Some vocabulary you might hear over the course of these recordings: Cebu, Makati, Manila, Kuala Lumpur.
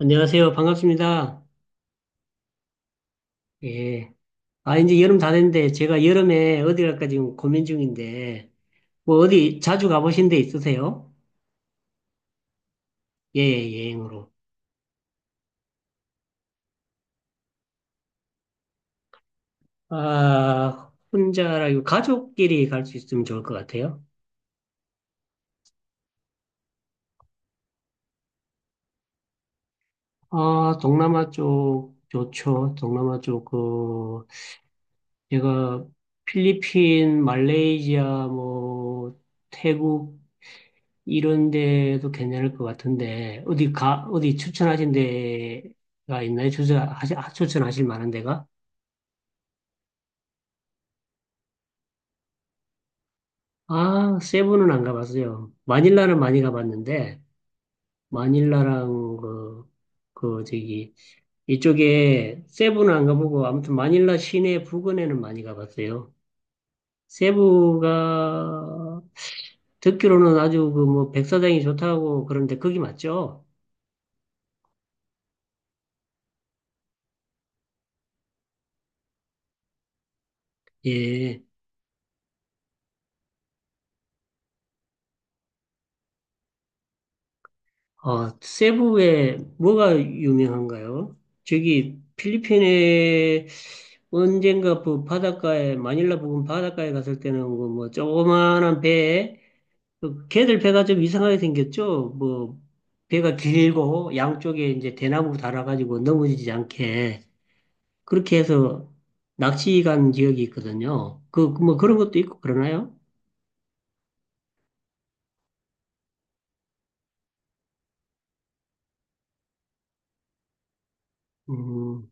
안녕하세요. 반갑습니다. 예. 아, 이제 여름 다 됐는데, 제가 여름에 어디 갈까 지금 고민 중인데, 뭐 어디 자주 가보신 데 있으세요? 예, 예, 여행으로. 아, 혼자라고 가족끼리 갈 수 있으면 좋을 것 같아요. 아, 동남아 쪽 좋죠. 동남아 쪽, 그, 제가 필리핀, 말레이시아, 뭐, 태국, 이런 데도 괜찮을 것 같은데, 어디 추천하신 데가 있나요? 추천하실 만한 데가? 아, 세부는 안 가봤어요. 마닐라는 많이 가봤는데, 마닐라랑 그, 그, 저기, 이쪽에 세부는 안 가보고, 아무튼 마닐라 시내 부근에는 많이 가봤어요. 세부가, 듣기로는 아주 그 뭐 백사장이 좋다고 그러는데, 거기 맞죠? 예. 아, 세부에 뭐가 유명한가요? 저기 필리핀에 언젠가 그 바닷가에 마닐라 부근 바닷가에 갔을 때는 그뭐 조그만한 배에 그 걔들 배가 좀 이상하게 생겼죠. 뭐 배가 길고 양쪽에 이제 대나무 달아가지고 넘어지지 않게 그렇게 해서 낚시 간 지역이 있거든요. 그 뭐 그런 것도 있고 그러나요? 음,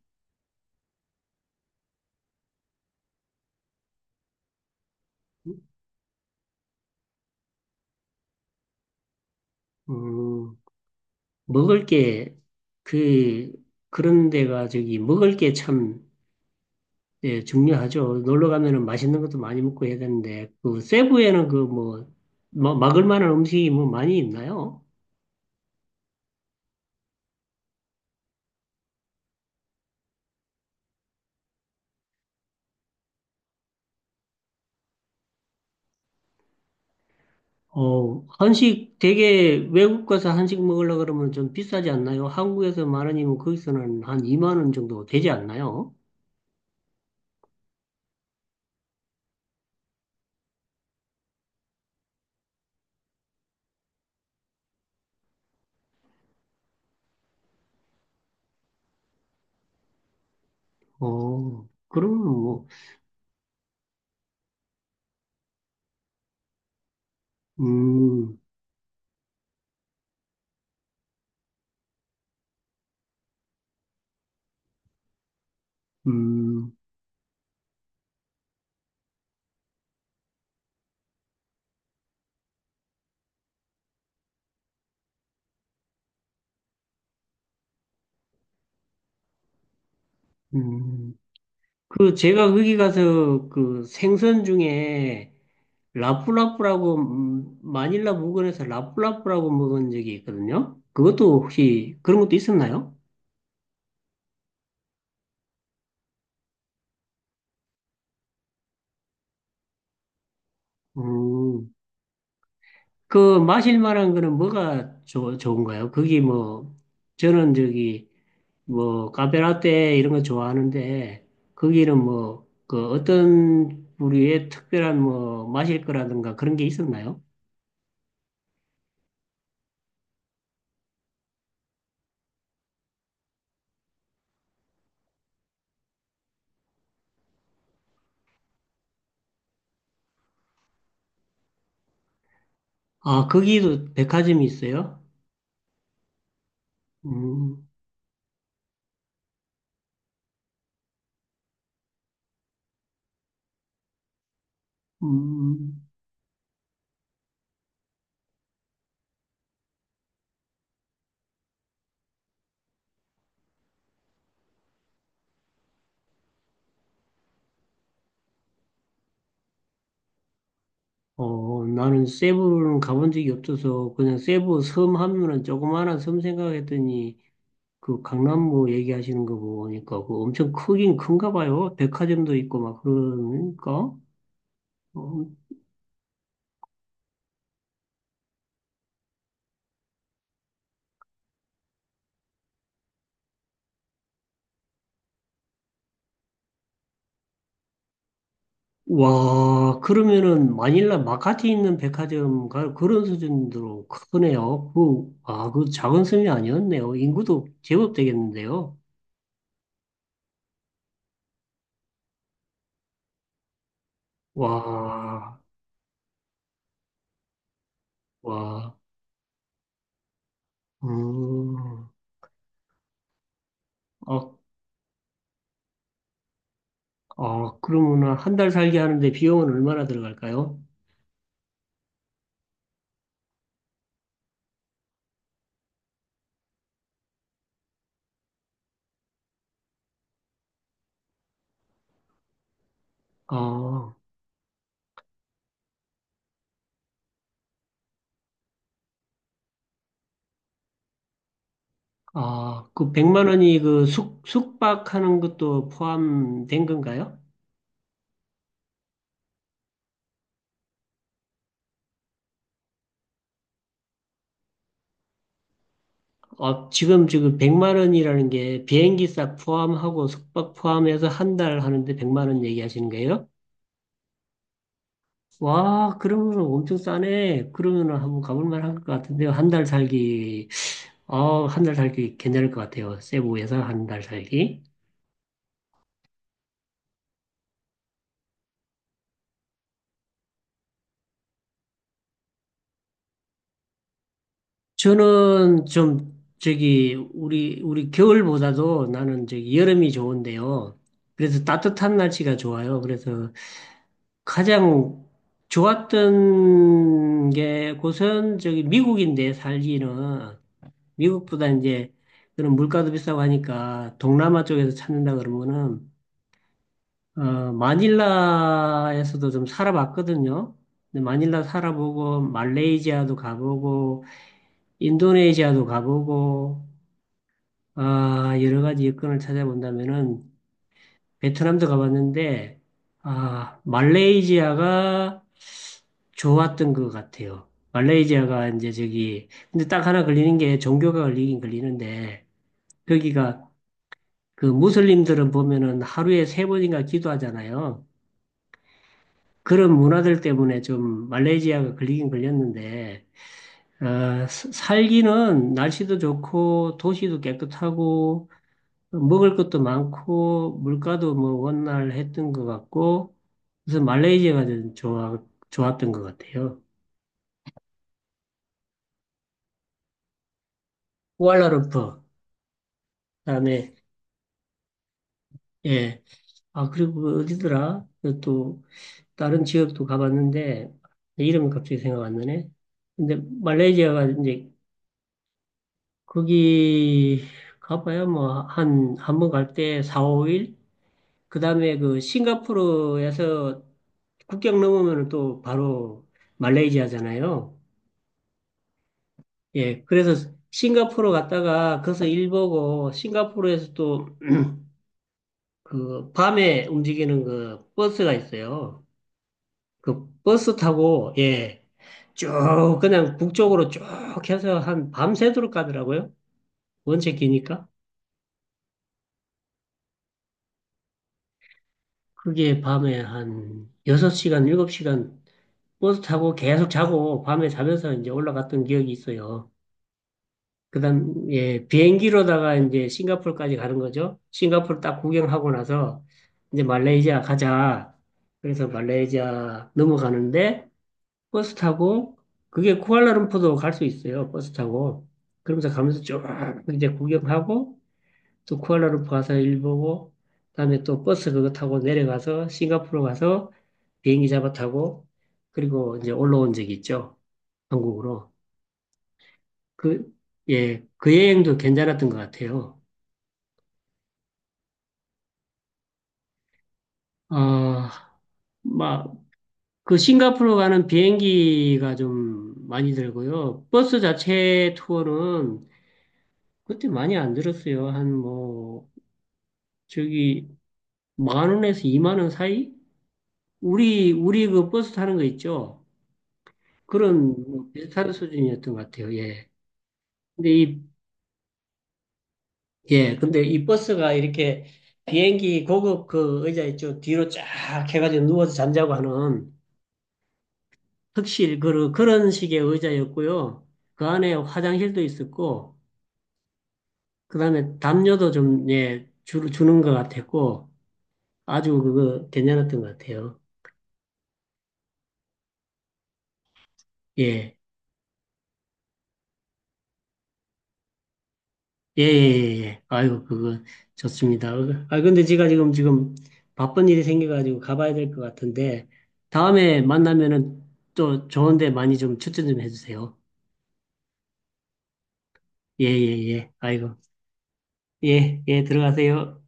음. 먹을 게, 그, 그런 데가 저기, 먹을 게 참, 예, 중요하죠. 놀러 가면은 맛있는 것도 많이 먹고 해야 되는데, 그, 세부에는 그 뭐, 막을 만한 음식이 뭐 많이 있나요? 어, 한식 되게 외국 가서 한식 먹으려 그러면 좀 비싸지 않나요? 한국에서 만 원이면 거기서는 한 2만 원 정도 되지 않나요? 어, 그러면 뭐, 음, 음, 음. 그 제가 거기 가서 그 생선 중에 라프라프라고 마닐라 물건에서 라프라프라고 먹은 적이 있거든요. 그것도 혹시 그런 것도 있었나요? 음, 그 마실 만한 거는 뭐가 좋은가요? 거기 뭐 저는 저기 뭐 카페라떼 이런 거 좋아하는데 거기는 뭐 그 어떤 부류의 특별한 뭐 마실 거라든가 그런 게 있었나요? 아, 거기도 백화점이 있어요? 음, 음. 어, 나는 세부는 가본 적이 없어서 그냥 세부 섬 하면은 조그마한 섬 생각했더니 그 강남구 얘기하시는 거 보니까 그 엄청 크긴 큰가 봐요. 백화점도 있고 막 그러니까. 어, 와, 그러면은 마닐라 마카티 있는 그런 수준으로 크네요. 그, 아, 그 작은 섬이 아니었네요. 인구도 제법 되겠는데요. 와, 와, 음, 아, 어, 그러면 한 달 살게 하는데 비용은 얼마나 들어갈까요? 어, 아, 그 100만 원이 그 숙박하는 것도 포함된 건가요? 어, 지금 100만 원이라는 게 비행기 싹 포함하고 숙박 포함해서 한 달 하는데 100만 원 얘기하시는 거예요? 와, 그러면 엄청 싸네. 그러면 한번 가볼 만할 것 같은데요. 한 달 살기, 어, 한 달 살기 괜찮을 것 같아요. 세부 예상 한 달 살기. 저는 좀 저기 우리 겨울보다도 나는 저기 여름이 좋은데요. 그래서 따뜻한 날씨가 좋아요. 그래서 가장 좋았던 게 곳은 저기 미국인데 살기는 미국보다 이제 그런 물가도 비싸고 하니까 동남아 쪽에서 찾는다 그러면은 어 마닐라에서도 좀 살아봤거든요. 근데 마닐라 살아보고 말레이시아도 가보고 인도네시아도 가보고 아, 여러 가지 여건을 찾아본다면은 베트남도 가봤는데 아, 말레이시아가 좋았던 것 같아요. 말레이시아가 이제 저기 근데 딱 하나 걸리는 게 종교가 걸리긴 걸리는데 거기가 그 무슬림들은 보면은 하루에 세 번인가 기도하잖아요. 그런 문화들 때문에 좀 말레이시아가 걸리긴 걸렸는데 살기는 날씨도 좋고 도시도 깨끗하고 먹을 것도 많고 물가도 뭐 원활 했던 것 같고 그래서 말레이시아가 좋았던 것 같아요. 쿠알라룸푸 그다음에 예. 아 그리고 그 어디더라? 그또 다른 지역도 가봤는데 이름은 갑자기 생각 안 나네. 근데 말레이시아가 이제 거기 가봐야 뭐 한 한번 갈 때 4, 5일 그다음에 그 싱가포르에서 국경 넘으면 또 바로 말레이시아잖아요. 예, 그래서 싱가포르 갔다가 거기서 일 보고 싱가포르에서 또 그 밤에 움직이는 그 버스가 있어요. 그 버스 타고 예, 쭉 그냥 북쪽으로 쭉 해서 한 밤새도록 가더라고요. 원체 기니까. 그게 밤에 한 6시간, 7시간 버스 타고 계속 자고 밤에 자면서 이제 올라갔던 기억이 있어요. 그다음 예 비행기로다가 이제 싱가포르까지 가는 거죠. 싱가포르 딱 구경하고 나서 이제 말레이시아 가자. 그래서 말레이시아 넘어가는데 버스 타고 그게 쿠알라룸푸르도 갈 수 있어요. 버스 타고 그러면서 가면서 쭉 이제 구경하고 또 쿠알라룸푸르 가서 일 보고 그다음에 또 버스 그거 타고 내려가서 싱가포르 가서 비행기 잡아 타고 그리고 이제 올라온 적이 있죠. 한국으로 그 예, 그 여행도 괜찮았던 것 같아요. 어, 막, 그 싱가포르 가는 비행기가 좀 많이 들고요. 버스 자체 투어는 그때 많이 안 들었어요. 한 뭐, 저기, 10,000원에서 20,000원 사이? 우리 그 버스 타는 거 있죠? 그런 뭐 비슷한 수준이었던 것 같아요. 예. 근데 이, 예. 근데 이 버스가 이렇게 비행기 고급 그 의자 있죠? 뒤로 쫙 해가지고 누워서 잠자고 하는 턱실 그런 식의 의자였고요. 그 안에 화장실도 있었고 그다음에 담요도 좀 예, 주는 것 같았고 아주 그거 괜찮았던 것 같아요. 예. 예, 예, 예, 예. 예. 아이고 그거 좋습니다. 어, 아 근데 제가 지금 바쁜 일이 생겨가지고 가봐야 될 것 같은데 다음에 만나면은 또 좋은 데 많이 좀 추천 좀 해주세요. 예, 예, 예. 아이고. 예, 예, 들어가세요.